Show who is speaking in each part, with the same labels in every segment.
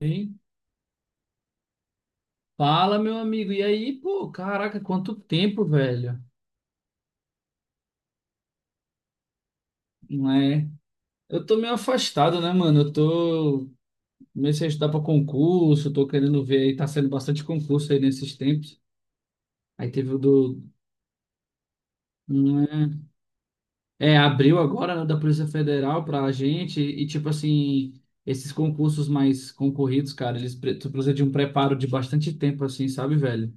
Speaker 1: Ei, fala, meu amigo. E aí, pô, caraca, quanto tempo, velho. Não é? Eu tô meio afastado, né, mano? Eu tô. Comecei a estudar pra concurso, tô querendo ver aí, tá sendo bastante concurso aí nesses tempos. Aí teve o do. Não é? É, abriu agora, né, da Polícia Federal pra gente. E, tipo assim, esses concursos mais concorridos, cara, eles tu precisa de um preparo de bastante tempo, assim, sabe, velho?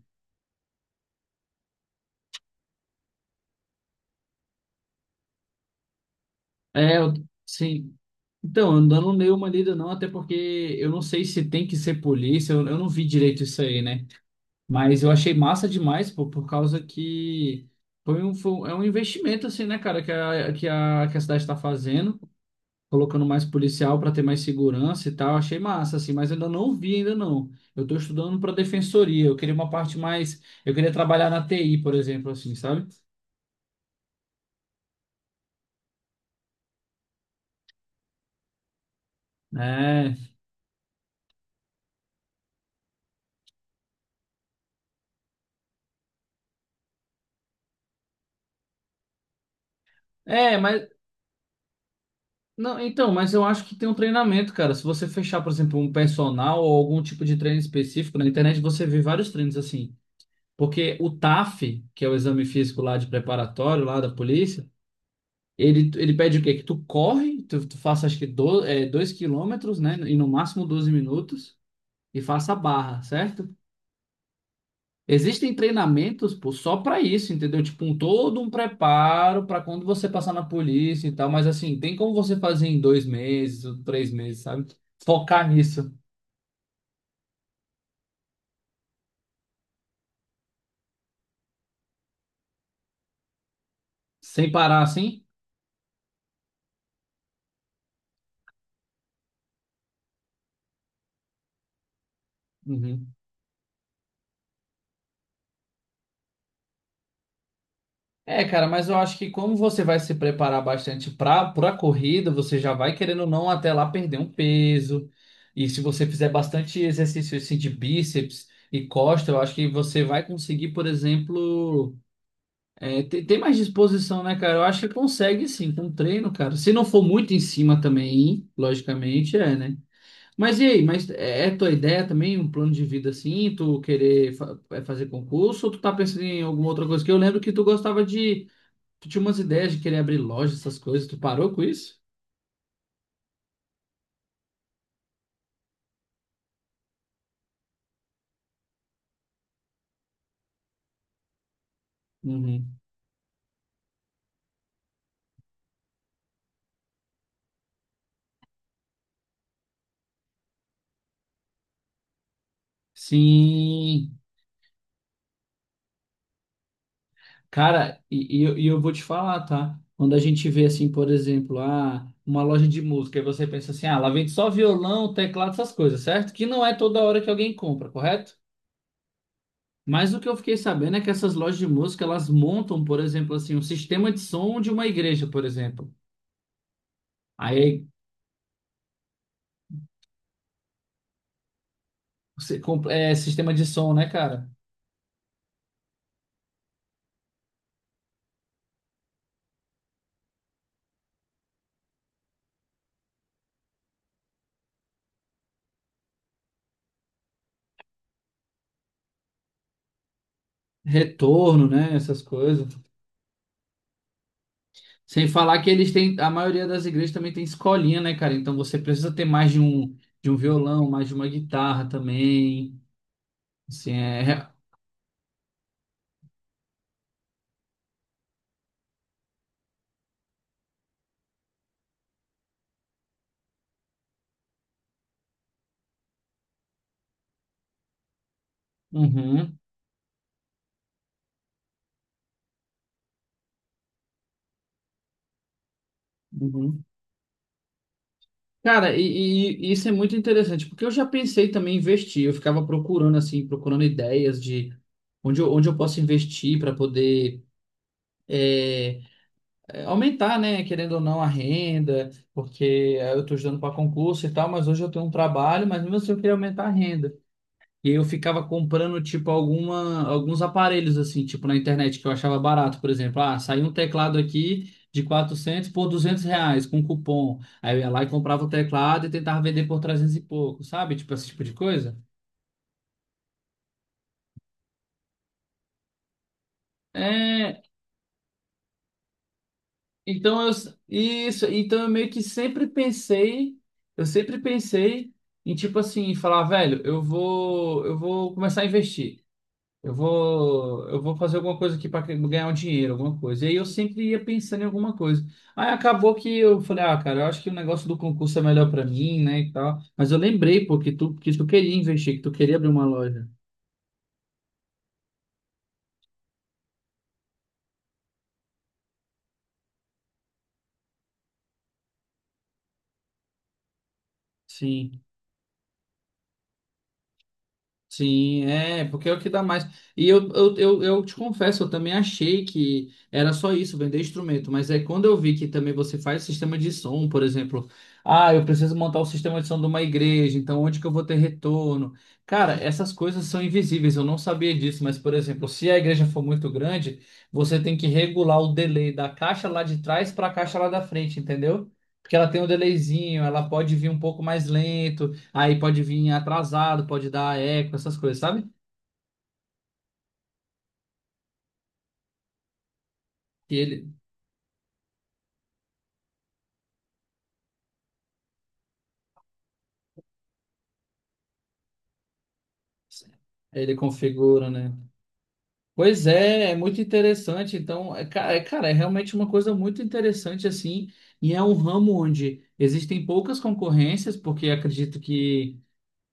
Speaker 1: É, eu, sim. Então, eu não dei uma lida não, até porque eu não sei se tem que ser polícia, eu não vi direito isso aí, né? Mas eu achei massa demais, pô, por causa que é um investimento, assim, né, cara, que a cidade está fazendo, colocando mais policial para ter mais segurança e tal, achei massa, assim, mas eu ainda não vi, ainda não. Eu tô estudando para defensoria, eu queria uma parte mais, eu queria trabalhar na TI, por exemplo, assim, sabe? É, é, mas não, então, mas eu acho que tem um treinamento, cara. Se você fechar, por exemplo, um personal ou algum tipo de treino específico na internet, você vê vários treinos assim. Porque o TAF, que é o exame físico lá de preparatório, lá da polícia, ele pede o quê? Que tu corre, tu faça acho que do, 2 quilômetros, né? E no máximo 12 minutos, e faça a barra, certo? Existem treinamentos, pô, só para isso, entendeu? Tipo, um todo um preparo para quando você passar na polícia e tal, mas assim, tem como você fazer em 2 meses ou 3 meses, sabe? Focar nisso, sem parar assim? Uhum. É, cara, mas eu acho que como você vai se preparar bastante pra corrida, você já vai querendo ou não até lá perder um peso. E se você fizer bastante exercício assim, de bíceps e costa, eu acho que você vai conseguir, por exemplo. É, tem mais disposição, né, cara? Eu acho que consegue sim, com treino, cara. Se não for muito em cima também, logicamente, é, né? Mas e aí, mas é tua ideia também, um plano de vida assim, tu querer fazer concurso, ou tu tá pensando em alguma outra coisa? Que eu lembro que tu gostava de, tu tinha umas ideias de querer abrir loja, essas coisas, tu parou com isso? Uhum. Sim. Cara, e eu vou te falar, tá? Quando a gente vê assim, por exemplo, ah, uma loja de música, e você pensa assim, ah, lá vende só violão, teclado, essas coisas, certo? Que não é toda hora que alguém compra, correto? Mas o que eu fiquei sabendo é que essas lojas de música, elas montam, por exemplo, assim, um sistema de som de uma igreja, por exemplo. Aí, você é sistema de som, né, cara? Retorno, né, essas coisas. Sem falar que eles têm, a maioria das igrejas também tem escolinha, né, cara? Então você precisa ter mais de um, violão, mais de uma guitarra também. Assim, é. Uhum, uhum. Cara, e isso é muito interessante, porque eu já pensei também em investir. Eu ficava procurando, assim, procurando ideias de onde eu posso investir para poder aumentar, né, querendo ou não, a renda, porque eu estou estudando para concurso e tal, mas hoje eu tenho um trabalho, mas mesmo assim eu queria aumentar a renda. E eu ficava comprando, tipo, alguns aparelhos, assim, tipo, na internet, que eu achava barato, por exemplo. Ah, saiu um teclado aqui de 400 por R$ 200, com cupom. Aí eu ia lá e comprava o teclado e tentava vender por 300 e pouco, sabe? Tipo, esse tipo de coisa. É, então eu, isso, então eu meio que sempre pensei, eu sempre pensei em, tipo assim, falar, velho, eu vou começar a investir. Eu vou fazer alguma coisa aqui para ganhar um dinheiro, alguma coisa. E aí eu sempre ia pensando em alguma coisa. Aí acabou que eu falei, ah, cara, eu acho que o negócio do concurso é melhor para mim, né, e tal. Mas eu lembrei, pô, que tu queria investir, que tu queria abrir uma loja. Sim. Sim, é, porque é o que dá mais. E eu te confesso, eu também achei que era só isso, vender instrumento, mas é quando eu vi que também você faz sistema de som, por exemplo, ah, eu preciso montar o sistema de som de uma igreja, então onde que eu vou ter retorno? Cara, essas coisas são invisíveis, eu não sabia disso, mas, por exemplo, se a igreja for muito grande, você tem que regular o delay da caixa lá de trás para a caixa lá da frente, entendeu? Porque ela tem um delayzinho, ela pode vir um pouco mais lento. Aí pode vir atrasado, pode dar eco, essas coisas, sabe? Que ele configura, né? Pois é, é muito interessante. Então, é, cara, é realmente uma coisa muito interessante, assim, e é um ramo onde existem poucas concorrências, porque acredito que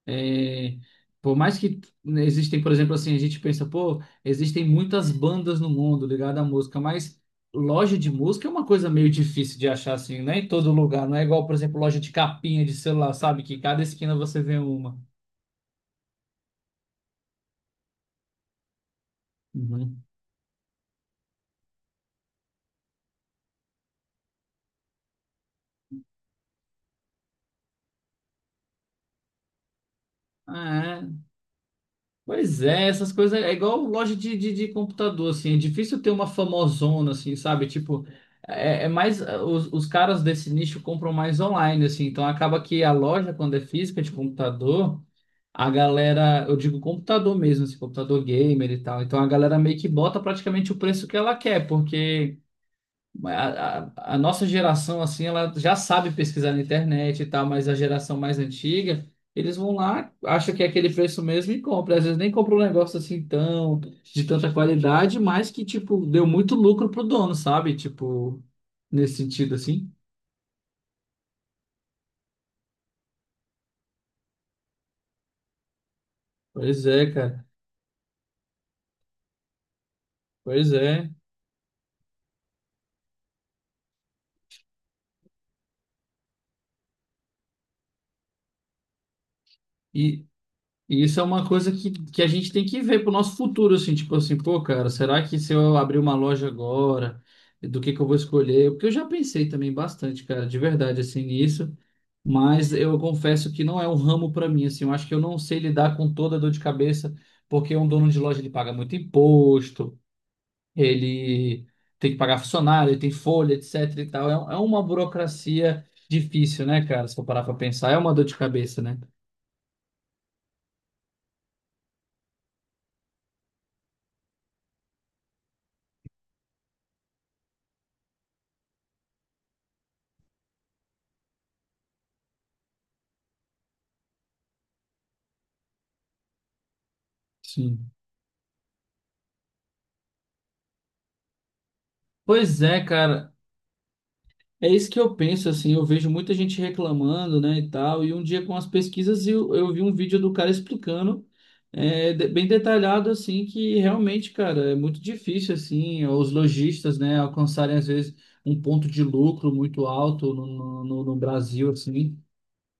Speaker 1: é, por mais que, né, existem, por exemplo, assim, a gente pensa, pô, existem muitas bandas no mundo ligadas à música, mas loja de música é uma coisa meio difícil de achar, assim, não é em todo lugar. Não é igual, por exemplo, loja de capinha de celular, sabe? Que cada esquina você vê uma. Uhum. Ah, é. Pois é, essas coisas é igual loja de computador, assim, é difícil ter uma famosona, assim, sabe? Tipo, é mais, ah, os caras desse nicho compram mais online, assim, então acaba que a loja, quando é física de computador a galera, eu digo computador mesmo, assim, computador gamer e tal. Então a galera meio que bota praticamente o preço que ela quer, porque a nossa geração, assim, ela já sabe pesquisar na internet e tal, mas a geração mais antiga, eles vão lá, acham que é aquele preço mesmo e compra. Às vezes nem compra um negócio assim tão, de tanta qualidade, mas que, tipo, deu muito lucro pro dono, sabe? Tipo, nesse sentido, assim. Pois é, cara. Pois é. E, E isso é uma coisa que a gente tem que ver pro nosso futuro, assim, tipo assim, pô, cara, será que se eu abrir uma loja agora, do que eu vou escolher? Porque eu já pensei também bastante, cara, de verdade, assim, nisso, mas eu confesso que não é um ramo pra mim, assim, eu acho que eu não sei lidar com toda a dor de cabeça, porque um dono de loja, ele paga muito imposto, ele tem que pagar funcionário, ele tem folha, etc e tal, é, uma burocracia difícil, né, cara, se for parar pra pensar, é uma dor de cabeça, né? Sim. Pois é, cara. É isso que eu penso, assim, eu vejo muita gente reclamando, né, e tal, e um dia com as pesquisas eu vi um vídeo do cara explicando, bem detalhado, assim, que realmente, cara, é muito difícil, assim, os lojistas, né, alcançarem, às vezes, um ponto de lucro muito alto no Brasil, assim,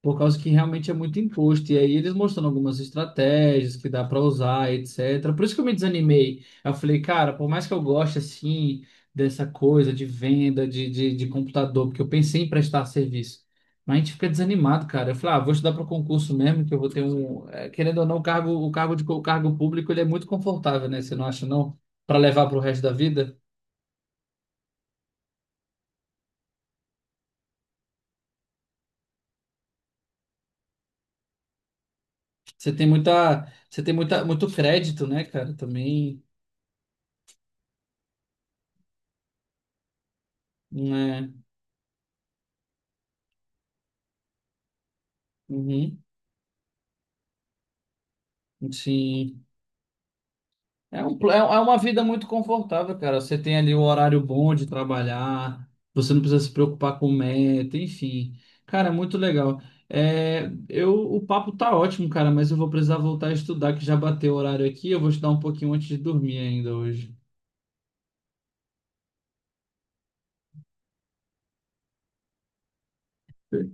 Speaker 1: por causa que realmente é muito imposto. E aí eles mostrando algumas estratégias que dá para usar, etc. Por isso que eu me desanimei. Eu falei, cara, por mais que eu goste assim dessa coisa de venda de computador, porque eu pensei em prestar serviço. Mas a gente fica desanimado, cara. Eu falei, ah, vou estudar para concurso mesmo, que eu vou ter um. Querendo ou não, o cargo público ele é muito confortável, né? Você não acha, não? Para levar para o resto da vida. Você tem muito crédito, né, cara? Também, né? Uhum. Sim. É, é uma vida muito confortável, cara. Você tem ali o horário bom de trabalhar, você não precisa se preocupar com meta, enfim. Cara, é muito legal. É, o papo tá ótimo, cara, mas eu vou precisar voltar a estudar, que já bateu o horário aqui. Eu vou estudar um pouquinho antes de dormir ainda hoje. Fe-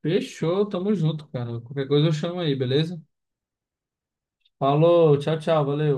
Speaker 1: Fechou, tamo junto, cara. Qualquer coisa eu chamo aí, beleza? Falou, tchau, tchau, valeu.